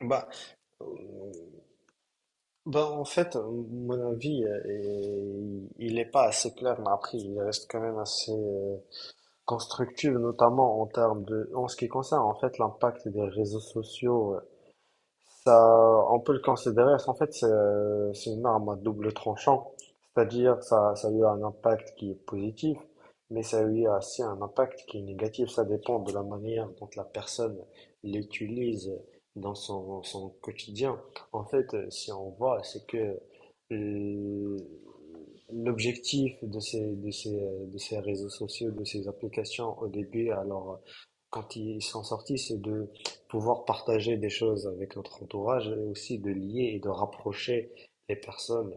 Bah, euh, bah en fait, euh, mon avis, il n'est pas assez clair, mais après, il reste quand même assez constructif, notamment en ce qui concerne en fait l'impact des réseaux sociaux, ça, on peut le considérer, en fait, c'est une arme à double tranchant. C'est-à-dire, ça a eu un impact qui est positif, mais ça a eu aussi un impact qui est négatif. Ça dépend de la manière dont la personne l'utilise dans son quotidien. En fait, si on voit, c'est que euh, l'objectif de ces réseaux sociaux, de ces applications au début, alors, quand ils sont sortis, c'est de pouvoir partager des choses avec notre entourage et aussi de lier et de rapprocher les personnes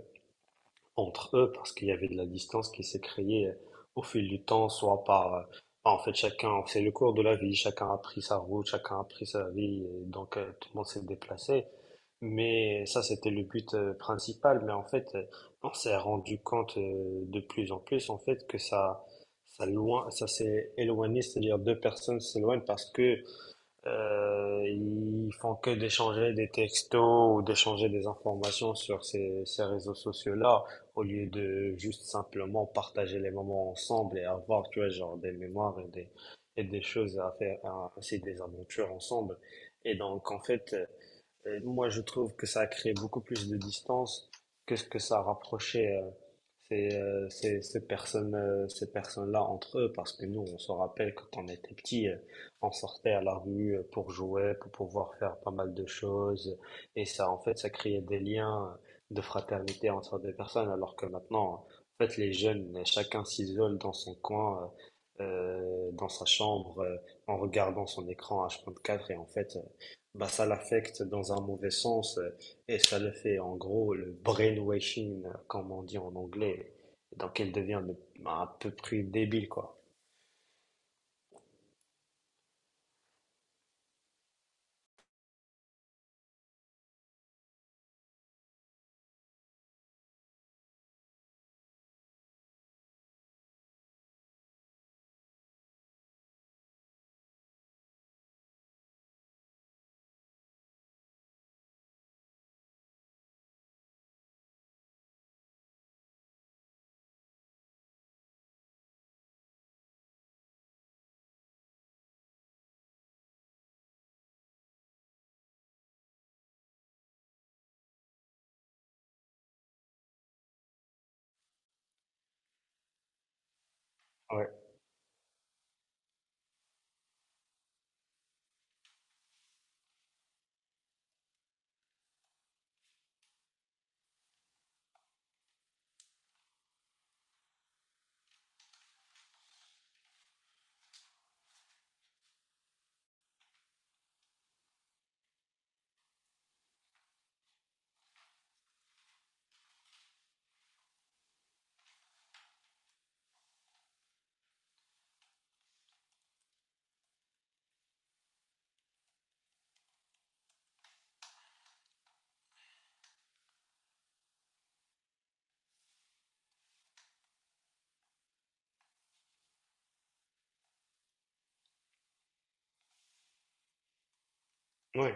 entre eux parce qu'il y avait de la distance qui s'est créée au fil du temps, en fait, chacun, c'est le cours de la vie, chacun a pris sa route, chacun a pris sa vie, et donc tout le monde s'est déplacé. Mais ça, c'était le but principal. Mais en fait, on s'est rendu compte de plus en plus, en fait, que ça s'est éloigné, c'est-à-dire deux personnes s'éloignent parce que ils font que d'échanger des textos ou d'échanger des informations sur ces réseaux sociaux-là, au lieu de juste simplement partager les moments ensemble et avoir, tu vois, genre des mémoires et des choses à faire, c'est des aventures ensemble. Et donc, en fait, et moi, je trouve que ça a créé beaucoup plus de distance que ce que ça rapprochait ces personnes, ces personnes-là entre eux, parce que nous, on se rappelle quand on était petit, on sortait à la rue pour jouer, pour pouvoir faire pas mal de choses, et ça, en fait, ça créait des liens de fraternité entre des personnes, alors que maintenant, en fait, les jeunes, chacun s'isole dans son coin, dans sa chambre, en regardant son écran H24, et en fait, bah, ça l'affecte dans un mauvais sens et ça le fait en gros le brainwashing, comme on dit en anglais, donc elle devient bah, à peu près débile quoi. Ouais, ouais.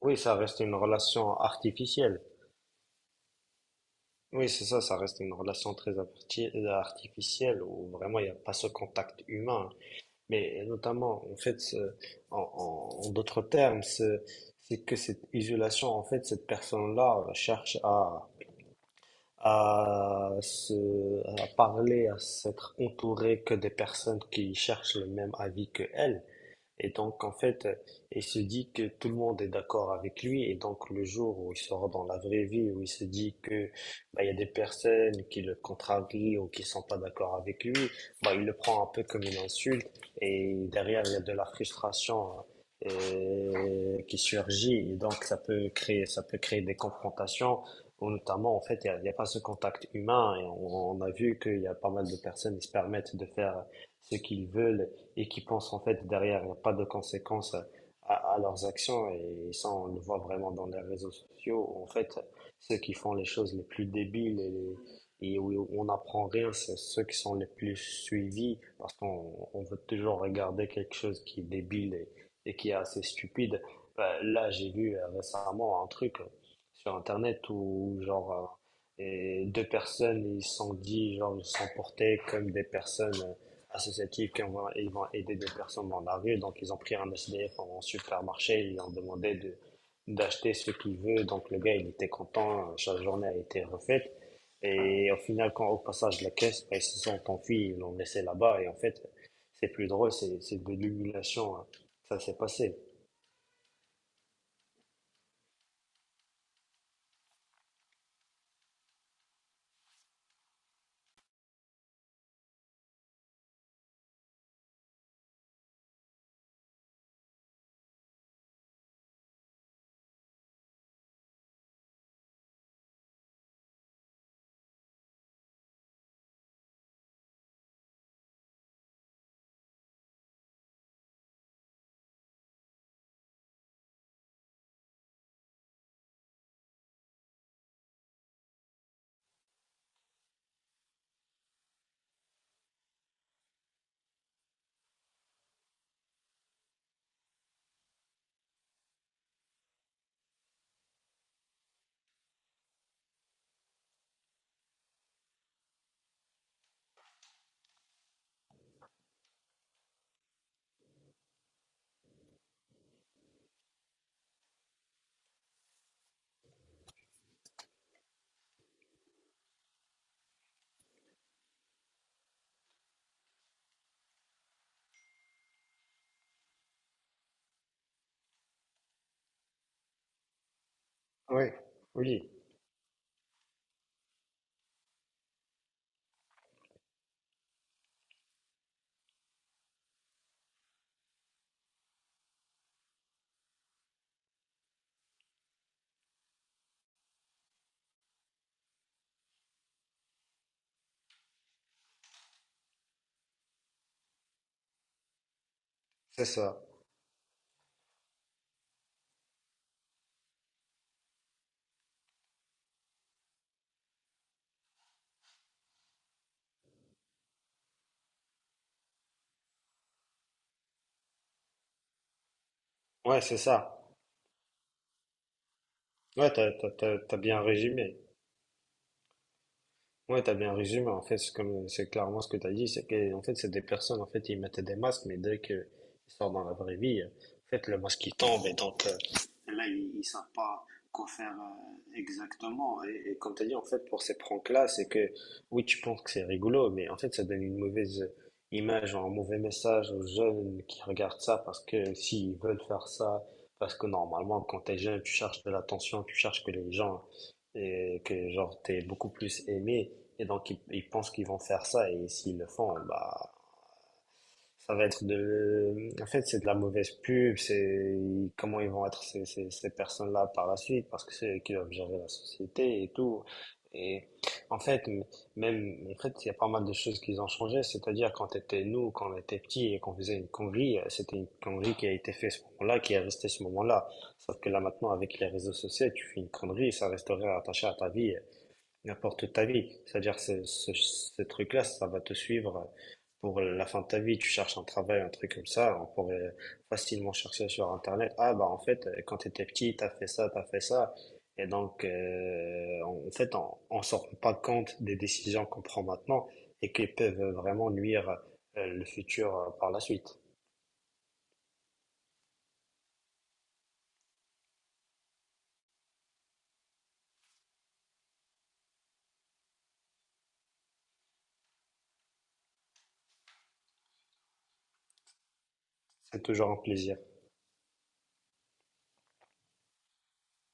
Oui, ça reste une relation artificielle. Oui, c'est ça, ça reste une relation très artificielle où vraiment il n'y a pas ce contact humain. Mais notamment, en fait, en d'autres termes, c'est que cette isolation, en fait, cette personne-là cherche à, se, à parler, à s'être entouré que des personnes qui cherchent le même avis que elle. Et donc, en fait, il se dit que tout le monde est d'accord avec lui. Et donc, le jour où il sort dans la vraie vie, où il se dit que bah, il y a des personnes qui le contrarient ou qui sont pas d'accord avec lui, bah, il le prend un peu comme une insulte. Et derrière, il y a de la frustration qui surgit. Et donc, ça peut créer des confrontations. Ou notamment, en fait, il y a pas ce contact humain. Et on a vu qu'il y a pas mal de personnes qui se permettent de faire ce qu'ils veulent et qui pensent en fait derrière, il n'y a pas de conséquences à leurs actions. Et ça, on le voit vraiment dans les réseaux sociaux. Où, En fait, ceux qui font les choses les plus débiles et où on n'apprend rien, c'est ceux qui sont les plus suivis parce qu'on on veut toujours regarder quelque chose qui est débile et qui est assez stupide. Ben, là, j'ai vu récemment un truc sur Internet où genre deux personnes, ils se sont portés comme des personnes associatifs ils vont aider des personnes dans la rue. Donc, ils ont pris un SDF en supermarché, ils lui ont demandé d'acheter ce qu'il veut. Donc, le gars, il était content, chaque journée a été refaite. Et au final, quand au passage de la caisse, ben, ils se sont enfuis, ils l'ont laissé là-bas. Et en fait, c'est plus drôle, c'est de l'humiliation, hein. Ça s'est passé. Oui, oui, c'est ça. Ouais, c'est ça. Ouais, t'as bien résumé. Ouais, t'as bien résumé. En fait, c'est comme, c'est clairement ce que t'as dit. C'est que, en fait, c'est des personnes, en fait, ils mettaient des masques, mais dès qu'ils sortent dans la vraie vie, en fait, le masque, il tombe, et donc, là, ils savent pas quoi faire, exactement. Et comme t'as dit, en fait, pour ces pranks-là, c'est que, oui, tu penses que c'est rigolo, mais en fait, ça donne une mauvaise image, un mauvais message aux jeunes qui regardent ça, parce que s'ils veulent faire ça, parce que normalement, quand t'es jeune, tu cherches de l'attention, tu cherches que les gens, et que, genre, t'es beaucoup plus aimé, et donc, ils pensent qu'ils vont faire ça, et s'ils le font, bah, ça va être de... En fait, c'est de la mauvaise pub, c'est comment ils vont être ces personnes-là par la suite, parce que c'est eux qui doivent gérer la société et tout. Et en fait, même, en fait, il y a pas mal de choses qui ont changé, c'est-à-dire quand était nous, quand on était petits et qu'on faisait une connerie, c'était une connerie qui a été faite ce moment-là, qui est restée ce moment-là. Sauf que là, maintenant, avec les réseaux sociaux, tu fais une connerie, ça resterait attaché à ta vie, n'importe toute ta vie. C'est-à-dire ce truc-là, ça va te suivre pour la fin de ta vie. Tu cherches un travail, un truc comme ça, on pourrait facilement chercher sur Internet. Ah bah en fait, quand tu étais petit, t'as fait ça, t'as fait ça. Et donc, en en fait, on s'en rend pas compte des décisions qu'on prend maintenant et qui peuvent vraiment nuire le futur par la suite. C'est toujours un plaisir.